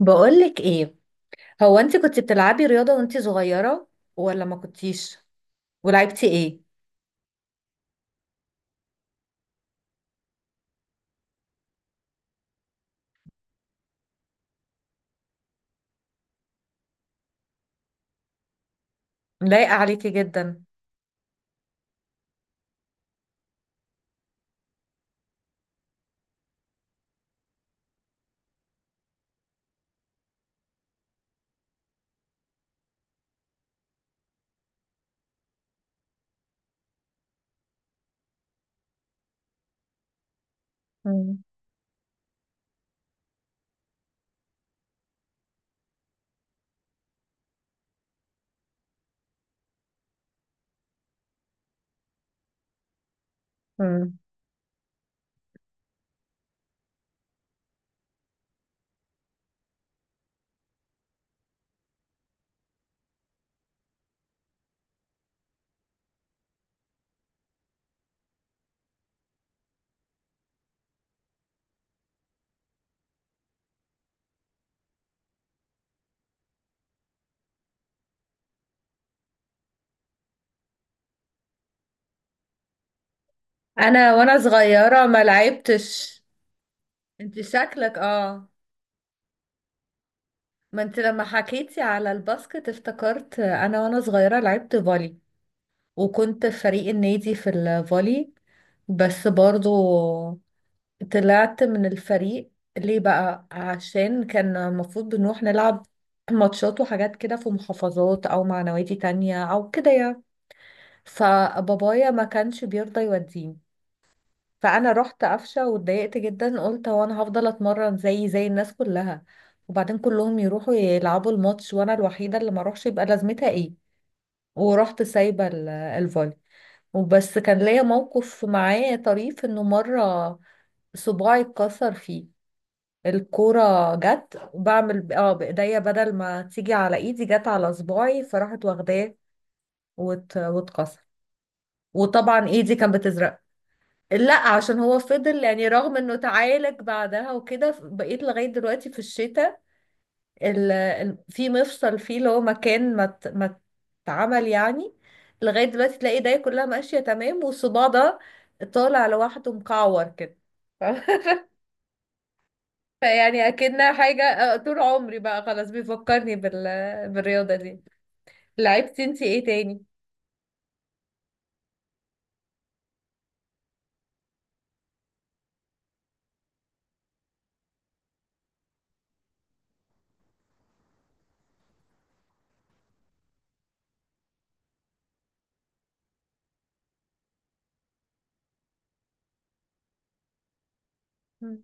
بقولك ايه. هو انت كنت بتلعبي رياضة وانت صغيرة ولا ما كنتيش ولعبتي ايه؟ لايقة عليكي جدا. مم. مم. انا وانا صغيرة ما لعبتش. انت شكلك اه. ما انت لما حكيتي على الباسكت افتكرت انا وانا صغيرة لعبت فولي، وكنت في فريق النادي في الفولي، بس برضو طلعت من الفريق. ليه بقى؟ عشان كان المفروض بنروح نلعب ماتشات وحاجات كده في محافظات او مع نوادي تانية او كده يعني، فبابايا ما كانش بيرضى يوديني. فانا رحت قفشة واتضايقت جدا، قلت هو انا هفضل اتمرن زي الناس كلها، وبعدين كلهم يروحوا يلعبوا الماتش وانا الوحيدة اللي ما اروحش، يبقى لازمتها ايه؟ ورحت سايبة الفولي. وبس كان ليا موقف معاه طريف، انه مرة صباعي اتكسر فيه. الكورة جت وبعمل بإيديا، بدل ما تيجي على إيدي جت على صباعي فراحت واخداه واتكسر. وطبعا إيدي كانت بتزرق. لا عشان هو فضل، يعني رغم انه تعالج بعدها وكده، بقيت لغاية دلوقتي في الشتاء في مفصل فيه، اللي هو مكان ما اتعمل يعني. لغاية دلوقتي تلاقي ايديا كلها ماشية تمام، والصباع ده طالع لوحده مكعور كده. فيعني اكنها حاجة، طول عمري بقى خلاص بيفكرني بالرياضة دي. لعبتي انتي ايه تاني؟ مم.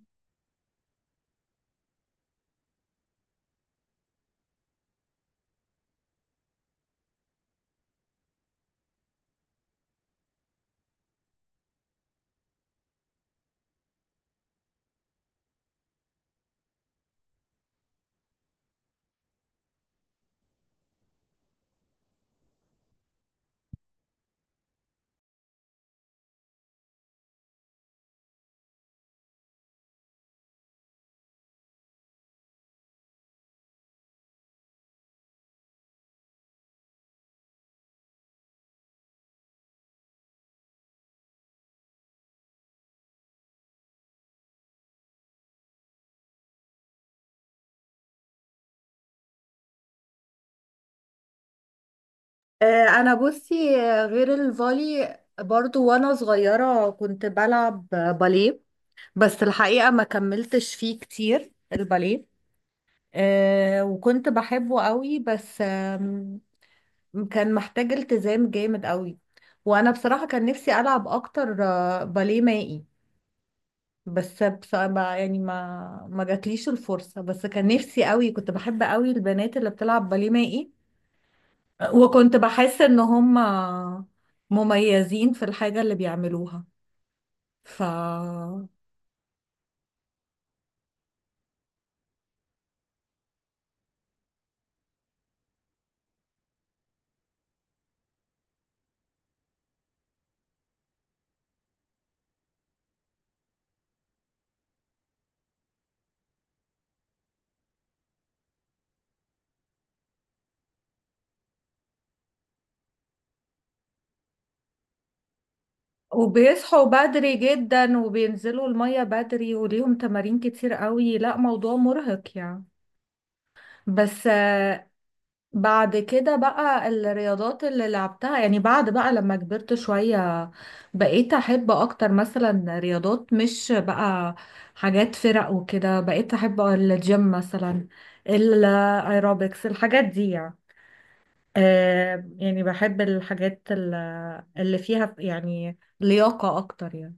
انا بصي، غير الفولي برضو وانا صغيرة كنت بلعب باليه. بس الحقيقة ما كملتش فيه كتير الباليه. وكنت بحبه قوي، بس كان محتاج التزام جامد قوي. وانا بصراحة كان نفسي العب اكتر باليه مائي، بس بصراحة يعني ما جاتليش الفرصة، بس كان نفسي قوي، كنت بحب قوي البنات اللي بتلعب باليه مائي. وكنت بحس ان هم مميزين في الحاجة اللي بيعملوها. ف وبيصحوا بدري جدا وبينزلوا المية بدري وليهم تمارين كتير قوي، لا موضوع مرهق يعني. بس بعد كده بقى الرياضات اللي لعبتها، يعني بعد بقى لما كبرت شوية بقيت أحب أكتر مثلا رياضات، مش بقى حاجات فرق وكده، بقيت أحب الجيم مثلا، الأيروبكس، الحاجات دي يعني. يعني بحب الحاجات اللي فيها يعني لياقة أكتر يعني.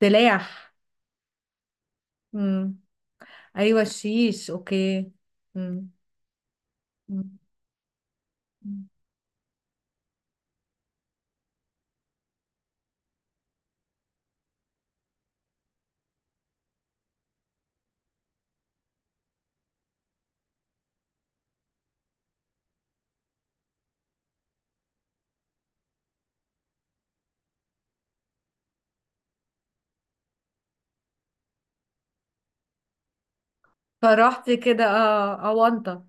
سلاح. مم. أيوة، الشيش، أوكي. مم. مم. فرحت كده، اه، أونطة.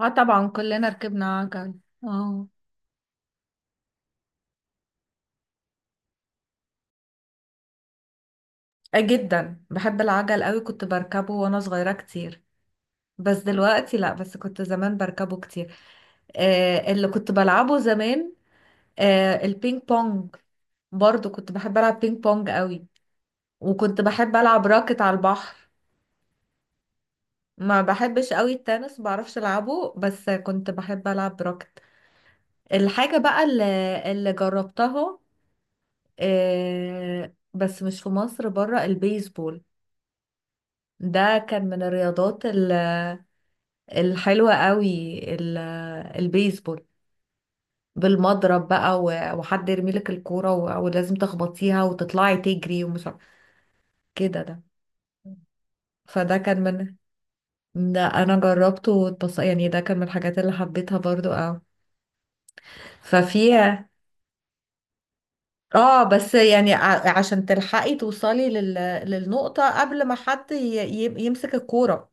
اه، طبعا كلنا ركبنا عجل. اه. آه جدا بحب العجل قوي، كنت بركبه وانا صغيرة كتير، بس دلوقتي لا، بس كنت زمان بركبه كتير. اللي كنت بلعبه زمان البينج بونج، برضو كنت بحب العب بينج بونج قوي، وكنت بحب العب راكت على البحر. ما بحبش قوي التنس، بعرفش العبه، بس كنت بحب العب راكت. الحاجة بقى اللي جربتها، بس مش في مصر، بره، البيسبول. ده كان من الرياضات الحلوة قوي، البيسبول. بالمضرب بقى وحد يرمي لك الكورة ولازم تخبطيها وتطلعي تجري كده ده. فده كان من ده انا جربته واتبص، يعني ده كان من الحاجات اللي حبيتها برضو اه. ففيها اه بس يعني عشان تلحقي توصلي للنقطة قبل ما حد يمسك الكورة.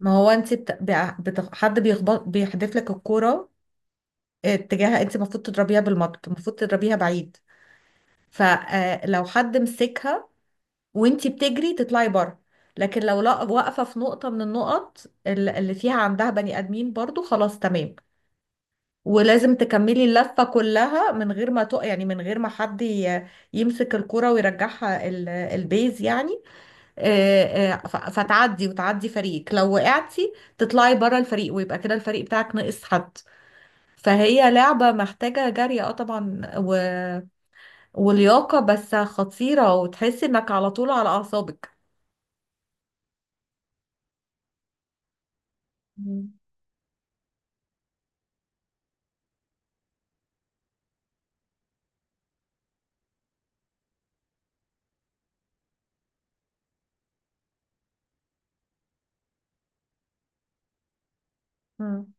ما هو انت بت... بع- بت... حد بيخبط، بيحدف لك الكورة اتجاهها، انت المفروض تضربيها بالمضرب، المفروض تضربيها بعيد. فلو حد مسكها وانت بتجري تطلعي بره، لكن لو لا، واقفه في نقطه من النقط اللي فيها عندها بني ادمين برضو، خلاص تمام، ولازم تكملي اللفه كلها من غير ما حد يمسك الكره ويرجعها البيز يعني. فتعدي وتعدي فريقك، لو وقعتي تطلعي بره الفريق ويبقى كده الفريق بتاعك ناقص حد. فهي لعبة محتاجة جري، اه طبعا، ولياقة، بس خطيرة، وتحسي انك على طول على اعصابك. مم. مم.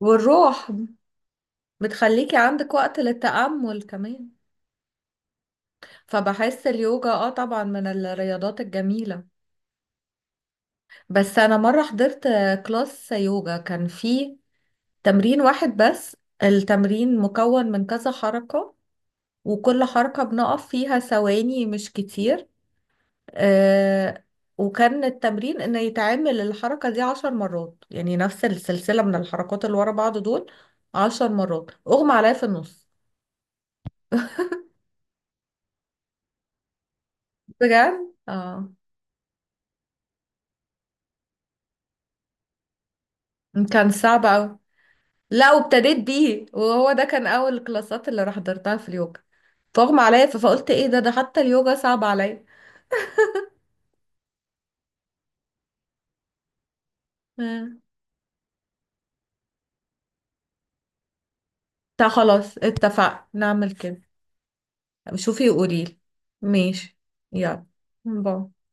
والروح، بتخليكي عندك وقت للتأمل كمان. فبحس اليوجا طبعا من الرياضات الجميلة، بس انا مرة حضرت كلاس يوجا كان فيه تمرين واحد بس. التمرين مكون من كذا حركة، وكل حركة بنقف فيها ثواني مش كتير. آه وكان التمرين ان يتعمل الحركة دي 10 مرات، يعني نفس السلسلة من الحركات اللي ورا بعض دول 10 مرات، اغمى عليا في النص. بجد اه. كان صعب اوي. لا، وابتديت بيه وهو ده كان اول الكلاسات اللي حضرتها في اليوجا، فاغمى عليا، فقلت ايه ده حتى اليوجا صعب عليا. آه. طب خلاص اتفقنا نعمل كده. شوفي وقوليلي. ماشي. يلا. باي.